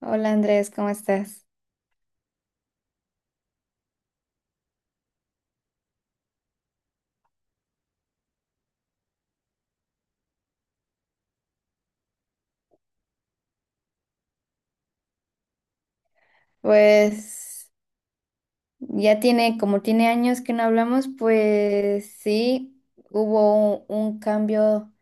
Hola Andrés, ¿cómo estás? Pues ya tiene, como tiene años que no hablamos, pues sí, hubo un cambio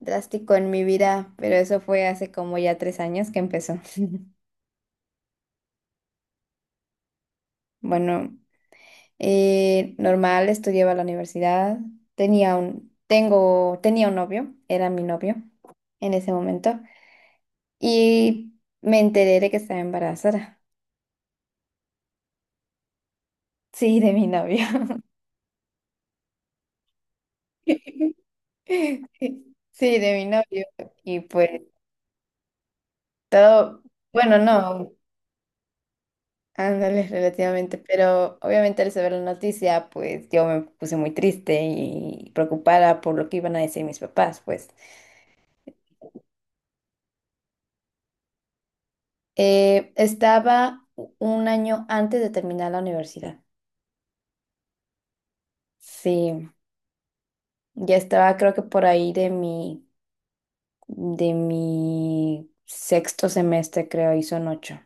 drástico en mi vida, pero eso fue hace como ya 3 años que empezó. Bueno, normal, estudiaba en la universidad, tenía un, tengo, tenía un novio, era mi novio en ese momento, y me enteré de que estaba embarazada. Sí, de mi novio. Sí, sí, de mi novio. Y pues todo, bueno, no, ándale relativamente, pero obviamente al saber la noticia, pues yo me puse muy triste y preocupada por lo que iban a decir mis papás, pues. Estaba un año antes de terminar la universidad. Sí, ya estaba creo que por ahí de mi sexto semestre, creo, y son ocho.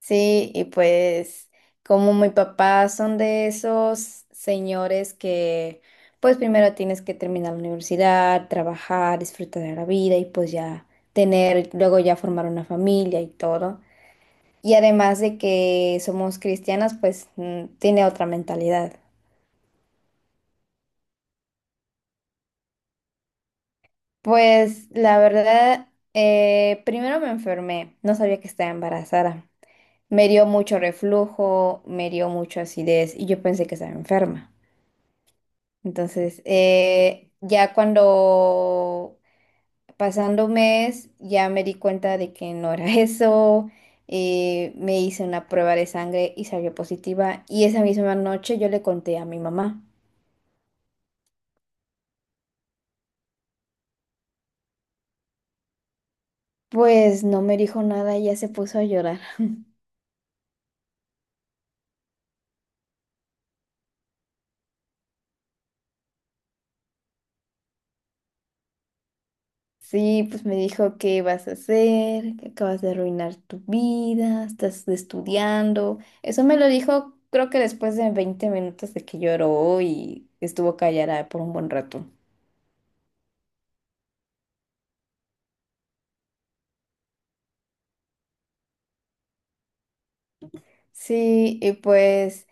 Sí, y pues como mi papá son de esos señores que pues primero tienes que terminar la universidad, trabajar, disfrutar de la vida y pues ya tener, luego ya formar una familia y todo. Y además de que somos cristianas, pues tiene otra mentalidad. Pues la verdad, primero me enfermé, no sabía que estaba embarazada. Me dio mucho reflujo, me dio mucha acidez y yo pensé que estaba enferma. Entonces, ya cuando pasando un mes, ya me di cuenta de que no era eso. Me hice una prueba de sangre y salió positiva. Y esa misma noche yo le conté a mi mamá. Pues no me dijo nada y ya se puso a llorar. Sí, pues me dijo, ¿qué vas a hacer? Que acabas de arruinar tu vida, estás estudiando. Eso me lo dijo, creo que después de 20 minutos de que lloró y estuvo callada por un buen rato. Sí, y pues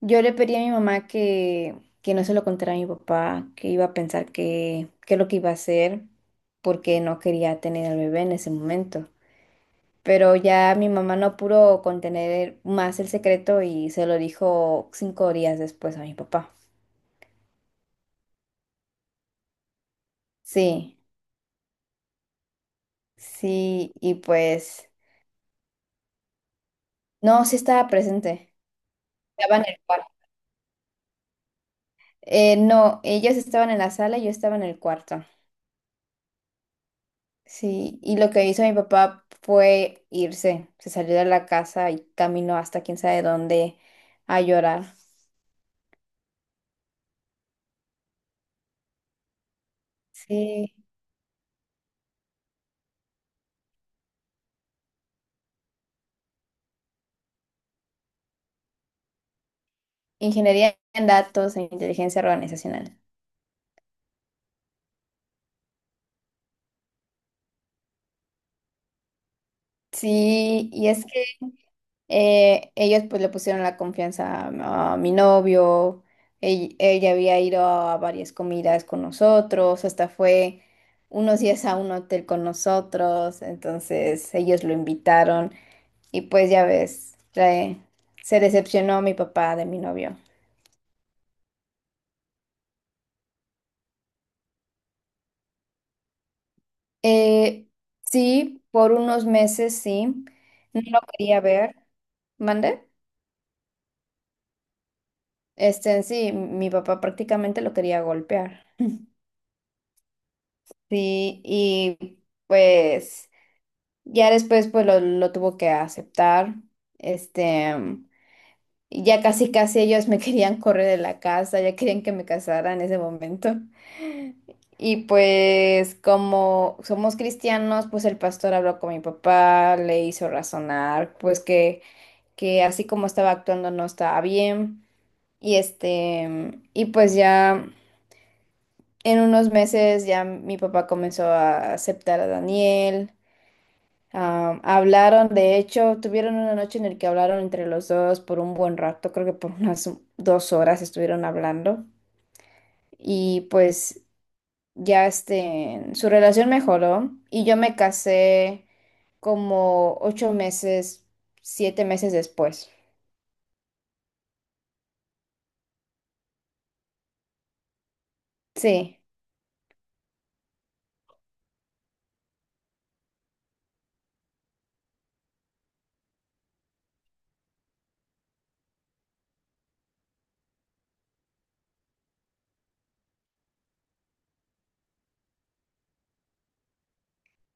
yo le pedí a mi mamá que no se lo contara a mi papá, que iba a pensar que, qué es lo que iba a hacer, porque no quería tener al bebé en ese momento. Pero ya mi mamá no pudo contener más el secreto y se lo dijo 5 días después a mi papá. Sí, sí, y pues no, sí estaba presente. Estaba en el cuarto. No, ellos estaban en la sala y yo estaba en el cuarto. Sí, y lo que hizo mi papá fue irse, se salió de la casa y caminó hasta quién sabe dónde a llorar. Sí, ingeniería en datos e inteligencia organizacional. Sí, y es que ellos pues le pusieron la confianza a mi novio, ella había ido a varias comidas con nosotros, hasta fue unos días a un hotel con nosotros, entonces ellos lo invitaron. Y pues ya ves, se decepcionó mi papá de mi novio. Eh, sí, por unos meses sí, no lo quería ver. ¿Mande? En sí, mi papá prácticamente lo quería golpear. Sí, y pues ya después pues lo tuvo que aceptar. Este, Y ya casi casi ellos me querían correr de la casa, ya querían que me casara en ese momento. Y pues como somos cristianos, pues el pastor habló con mi papá, le hizo razonar, pues que así como estaba actuando no estaba bien. Y pues ya en unos meses ya mi papá comenzó a aceptar a Daniel. Ah, hablaron, de hecho, tuvieron una noche en la que hablaron entre los dos por un buen rato, creo que por unas 2 horas estuvieron hablando y pues ya su relación mejoró y yo me casé como 8 meses, 7 meses después. Sí.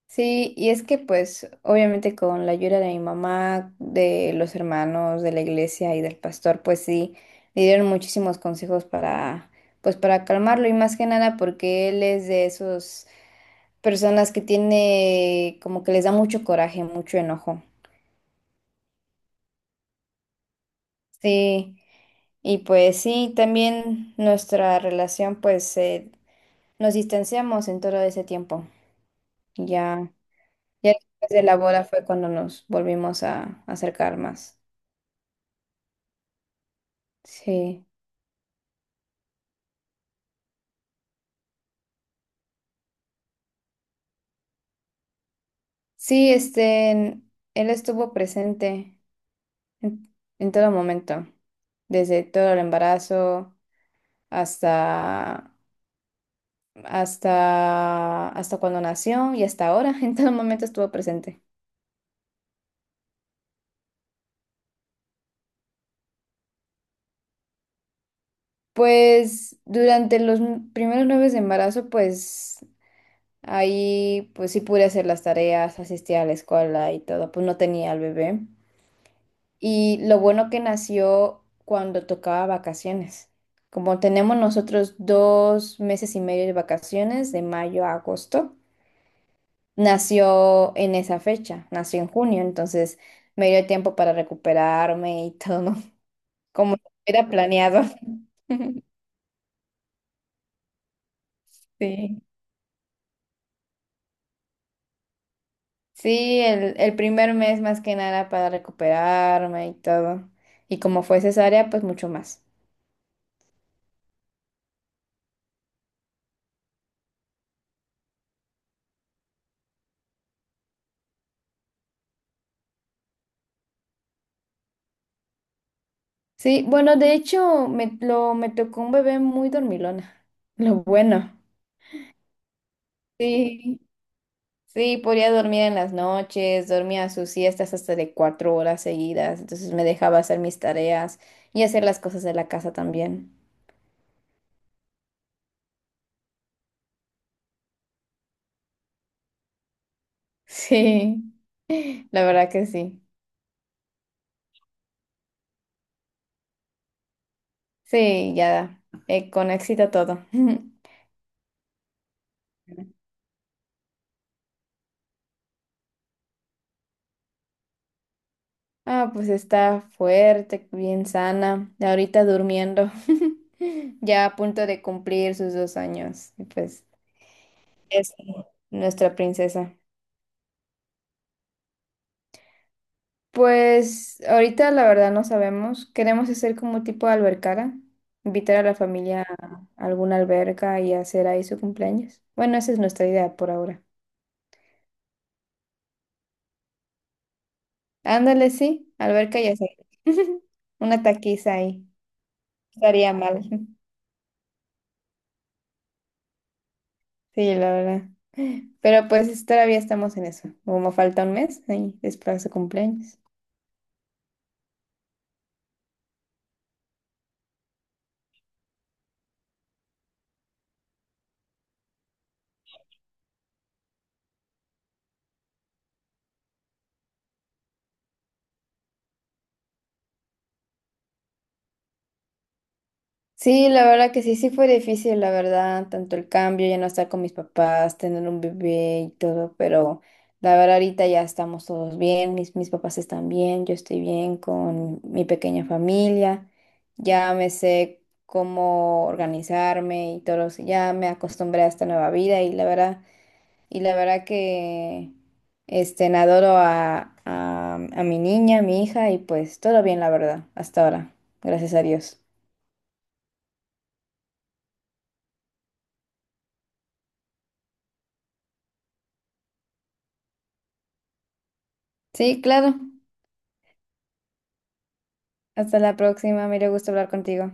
Sí, y es que pues obviamente con la ayuda de mi mamá, de los hermanos, de la iglesia y del pastor, pues sí, le dieron muchísimos consejos para, pues para calmarlo y más que nada porque él es de esas personas que tiene como que les da mucho coraje, mucho enojo. Sí, y pues sí, también nuestra relación pues nos distanciamos en todo ese tiempo. Ya, ya después de la boda fue cuando nos volvimos a acercar más. Sí. Sí, él estuvo presente en, en todo momento, desde todo el embarazo hasta, hasta, hasta, cuando nació y hasta ahora, en todo momento estuvo presente. Pues durante los primeros nueve de embarazo, pues ahí pues sí pude hacer las tareas, asistía a la escuela y todo, pues no tenía al bebé. Y lo bueno que nació cuando tocaba vacaciones. Como tenemos nosotros 2 meses y medio de vacaciones, de mayo a agosto, nació en esa fecha, nació en junio, entonces me dio tiempo para recuperarme y todo, como era planeado. Sí, sí, el primer mes más que nada para recuperarme y todo. Y como fue cesárea, pues mucho más. Sí, bueno, de hecho, me tocó un bebé muy dormilón. Lo bueno. Sí, sí, podía dormir en las noches, dormía sus siestas hasta de 4 horas seguidas, entonces me dejaba hacer mis tareas y hacer las cosas de la casa también. Sí, la verdad que sí. Sí, ya, con éxito todo. Ah, pues está fuerte, bien sana, ahorita durmiendo, ya a punto de cumplir sus 2 años. Y pues es nuestra princesa. Pues ahorita la verdad no sabemos. Queremos hacer como tipo de albercada, invitar a la familia a alguna alberca y hacer ahí su cumpleaños. Bueno, esa es nuestra idea por ahora. Ándale, sí, alberca y hacer una taquiza ahí. Estaría mal. Sí, la verdad. Pero pues todavía estamos en eso. Como falta un mes, ahí es para su cumpleaños. Sí, la verdad que sí, sí fue difícil, la verdad, tanto el cambio, ya no estar con mis papás, tener un bebé y todo, pero la verdad ahorita ya estamos todos bien, mis papás están bien, yo estoy bien con mi pequeña familia, ya me sé cómo organizarme y todo, eso, ya me acostumbré a esta nueva vida y la verdad, que adoro a mi niña, a mi hija y pues todo bien, la verdad, hasta ahora, gracias a Dios. Sí, claro. Hasta la próxima, me dio gusto hablar contigo.